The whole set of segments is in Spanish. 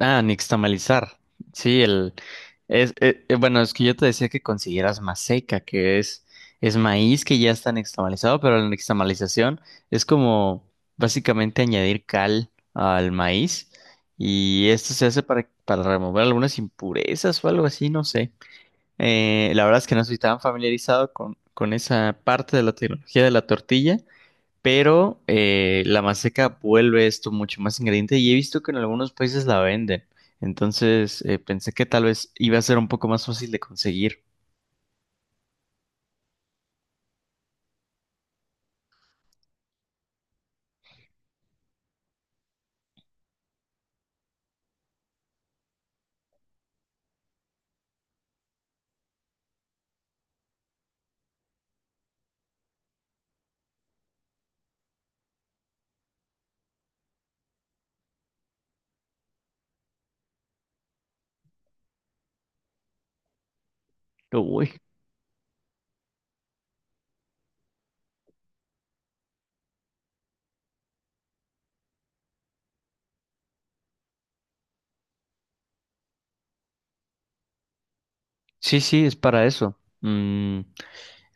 Ah, nixtamalizar. Sí, el es bueno, es que yo te decía que consiguieras maseca, que es maíz que ya está nixtamalizado, pero la nixtamalización es como básicamente añadir cal al maíz y esto se hace para remover algunas impurezas o algo así, no sé. La verdad es que no estoy tan familiarizado con esa parte de la tecnología de la tortilla, pero la maseca vuelve esto mucho más ingrediente y he visto que en algunos países la venden. Entonces pensé que tal vez iba a ser un poco más fácil de conseguir. Pero, uy, sí, sí, es para eso. Mm,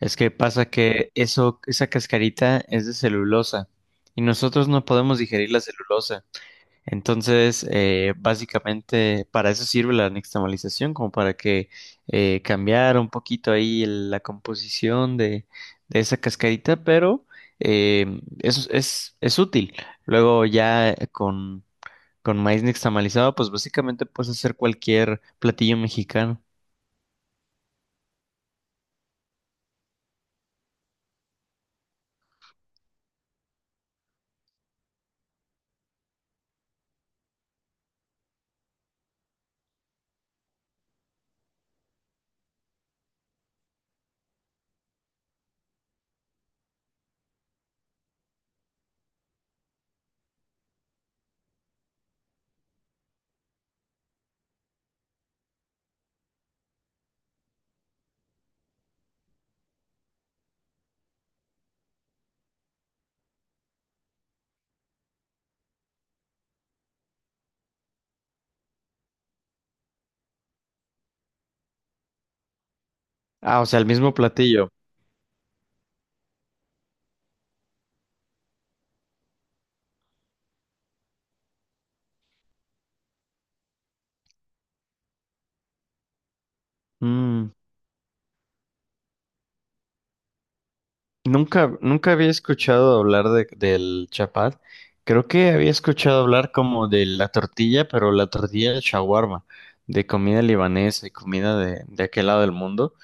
es que pasa que eso, esa cascarita es de celulosa y nosotros no podemos digerir la celulosa. Entonces, básicamente para eso sirve la nixtamalización, como para que cambiara un poquito ahí la composición de esa cascarita, pero es útil. Luego ya con maíz nixtamalizado, pues básicamente puedes hacer cualquier platillo mexicano. Ah, o sea, el mismo platillo. Mm. Nunca había escuchado hablar del chapat. Creo que había escuchado hablar como de la tortilla, pero la tortilla de shawarma, de comida libanesa y comida de aquel lado del mundo.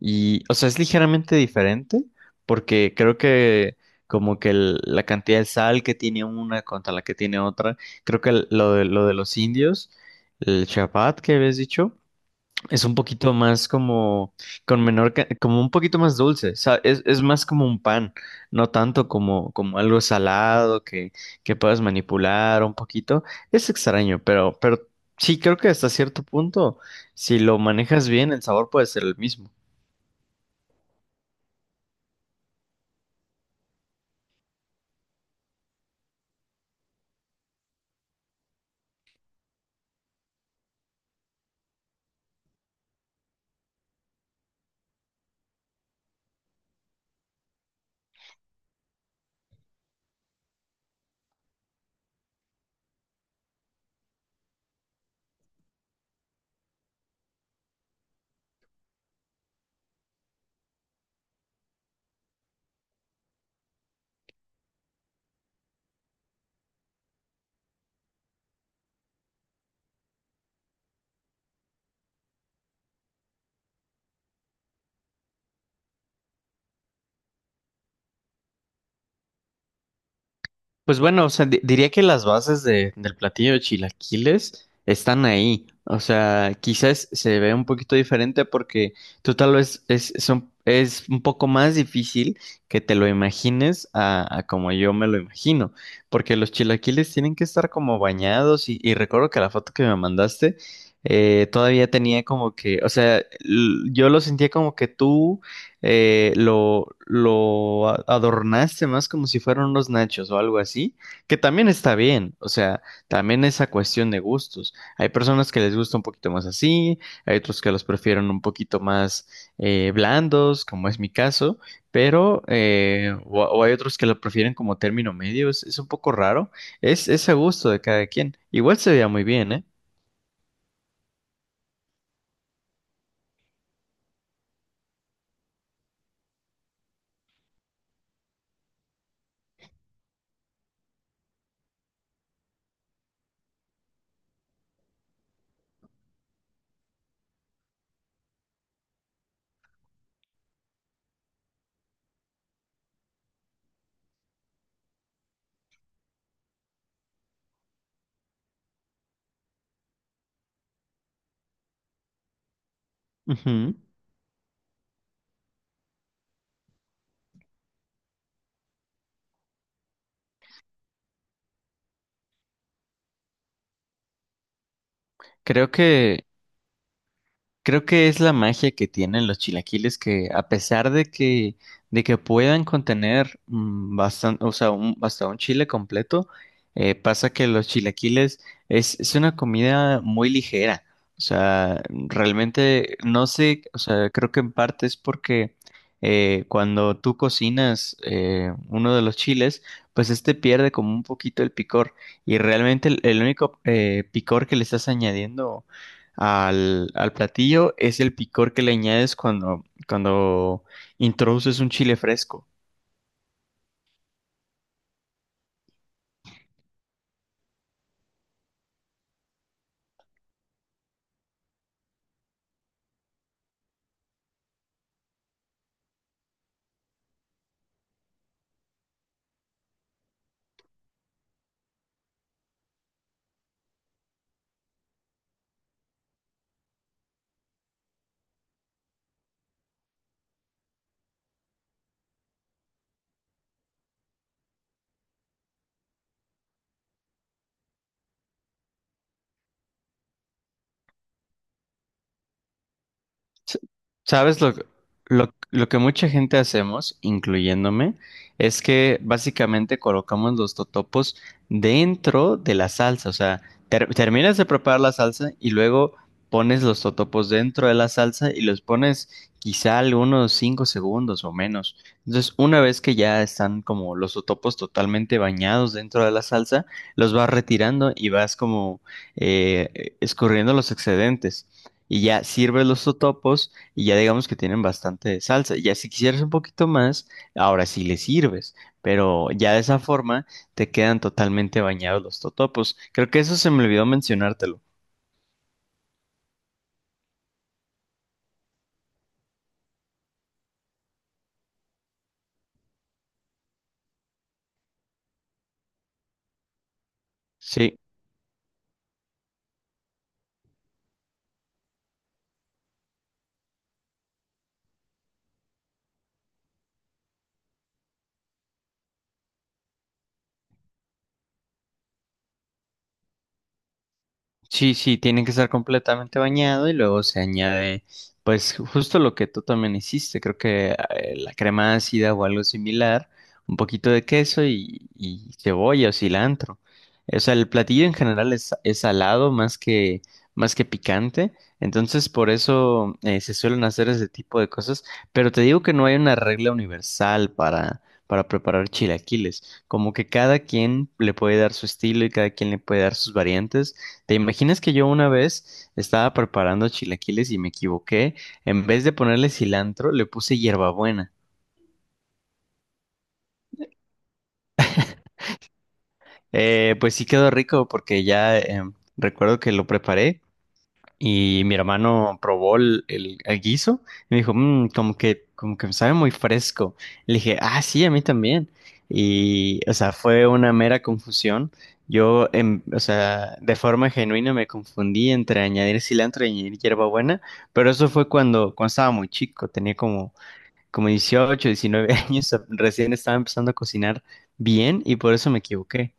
Y, o sea, es ligeramente diferente porque creo que como que la cantidad de sal que tiene una contra la que tiene otra, creo que lo de los indios, el chapat que habías dicho. Es un poquito más como, con menor, como un poquito más dulce, es más como un pan, no tanto como, como algo salado que puedas manipular un poquito. Es extraño, pero sí creo que hasta cierto punto, si lo manejas bien, el sabor puede ser el mismo. Pues bueno, o sea, diría que las bases del platillo de chilaquiles están ahí. O sea, quizás se ve un poquito diferente porque tú tal vez es un poco más difícil que te lo imagines a como yo me lo imagino. Porque los chilaquiles tienen que estar como bañados y recuerdo que la foto que me mandaste todavía tenía como que, o sea, yo lo sentía como que tú adornaste más como si fueran unos nachos o algo así, que también está bien, o sea, también esa cuestión de gustos. Hay personas que les gusta un poquito más así, hay otros que los prefieren un poquito más blandos, como es mi caso, pero, o hay otros que lo prefieren como término medio, es un poco raro, es a gusto de cada quien. Igual se veía muy bien, ¿eh? Ujú. Creo que... Creo que es la magia que tienen los chilaquiles que a pesar de que puedan contener bastante, o sea, un, hasta un chile completo, pasa que los chilaquiles es una comida muy ligera. O sea, realmente no sé, o sea, creo que en parte es porque cuando tú cocinas uno de los chiles, pues este pierde como un poquito el picor y realmente el único picor que le estás añadiendo al platillo es el picor que le añades cuando introduces un chile fresco. S- ¿Sabes lo que mucha gente hacemos, incluyéndome, es que básicamente colocamos los totopos dentro de la salsa? O sea, terminas de preparar la salsa y luego pones los totopos dentro de la salsa y los pones quizá algunos 5 segundos o menos. Entonces, una vez que ya están como los totopos totalmente bañados dentro de la salsa, los vas retirando y vas como escurriendo los excedentes y ya sirves los totopos y ya digamos que tienen bastante salsa. Ya si quisieras un poquito más, ahora sí le sirves, pero ya de esa forma te quedan totalmente bañados los totopos. Creo que eso se me olvidó mencionártelo. Sí. Sí, sí, tiene que estar completamente bañado y luego se añade, pues justo lo que tú también hiciste, creo que la crema ácida o algo similar, un poquito de queso y cebolla o cilantro. O sea, el platillo en general es salado más que picante, entonces por eso se suelen hacer ese tipo de cosas, pero te digo que no hay una regla universal para preparar chilaquiles, como que cada quien le puede dar su estilo y cada quien le puede dar sus variantes. ¿Te imaginas que yo una vez estaba preparando chilaquiles y me equivoqué? En vez de ponerle cilantro, le puse hierbabuena. Pues sí quedó rico porque ya recuerdo que lo preparé y mi hermano probó el guiso y me dijo, "Mm, como que sabe muy fresco." Le dije, ah, sí, a mí también. Y, o sea, fue una mera confusión. O sea, de forma genuina me confundí entre añadir cilantro y añadir hierbabuena, pero eso fue cuando estaba muy chico, tenía como, como 18-19 años, recién estaba empezando a cocinar bien y por eso me equivoqué.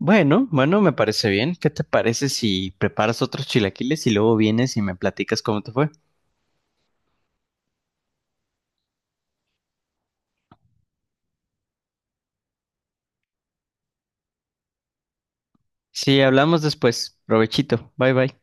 Bueno, bueno, me parece bien. ¿Qué te parece si preparas otros chilaquiles y luego vienes y me platicas cómo te fue? Sí, hablamos después. Provechito. Bye bye.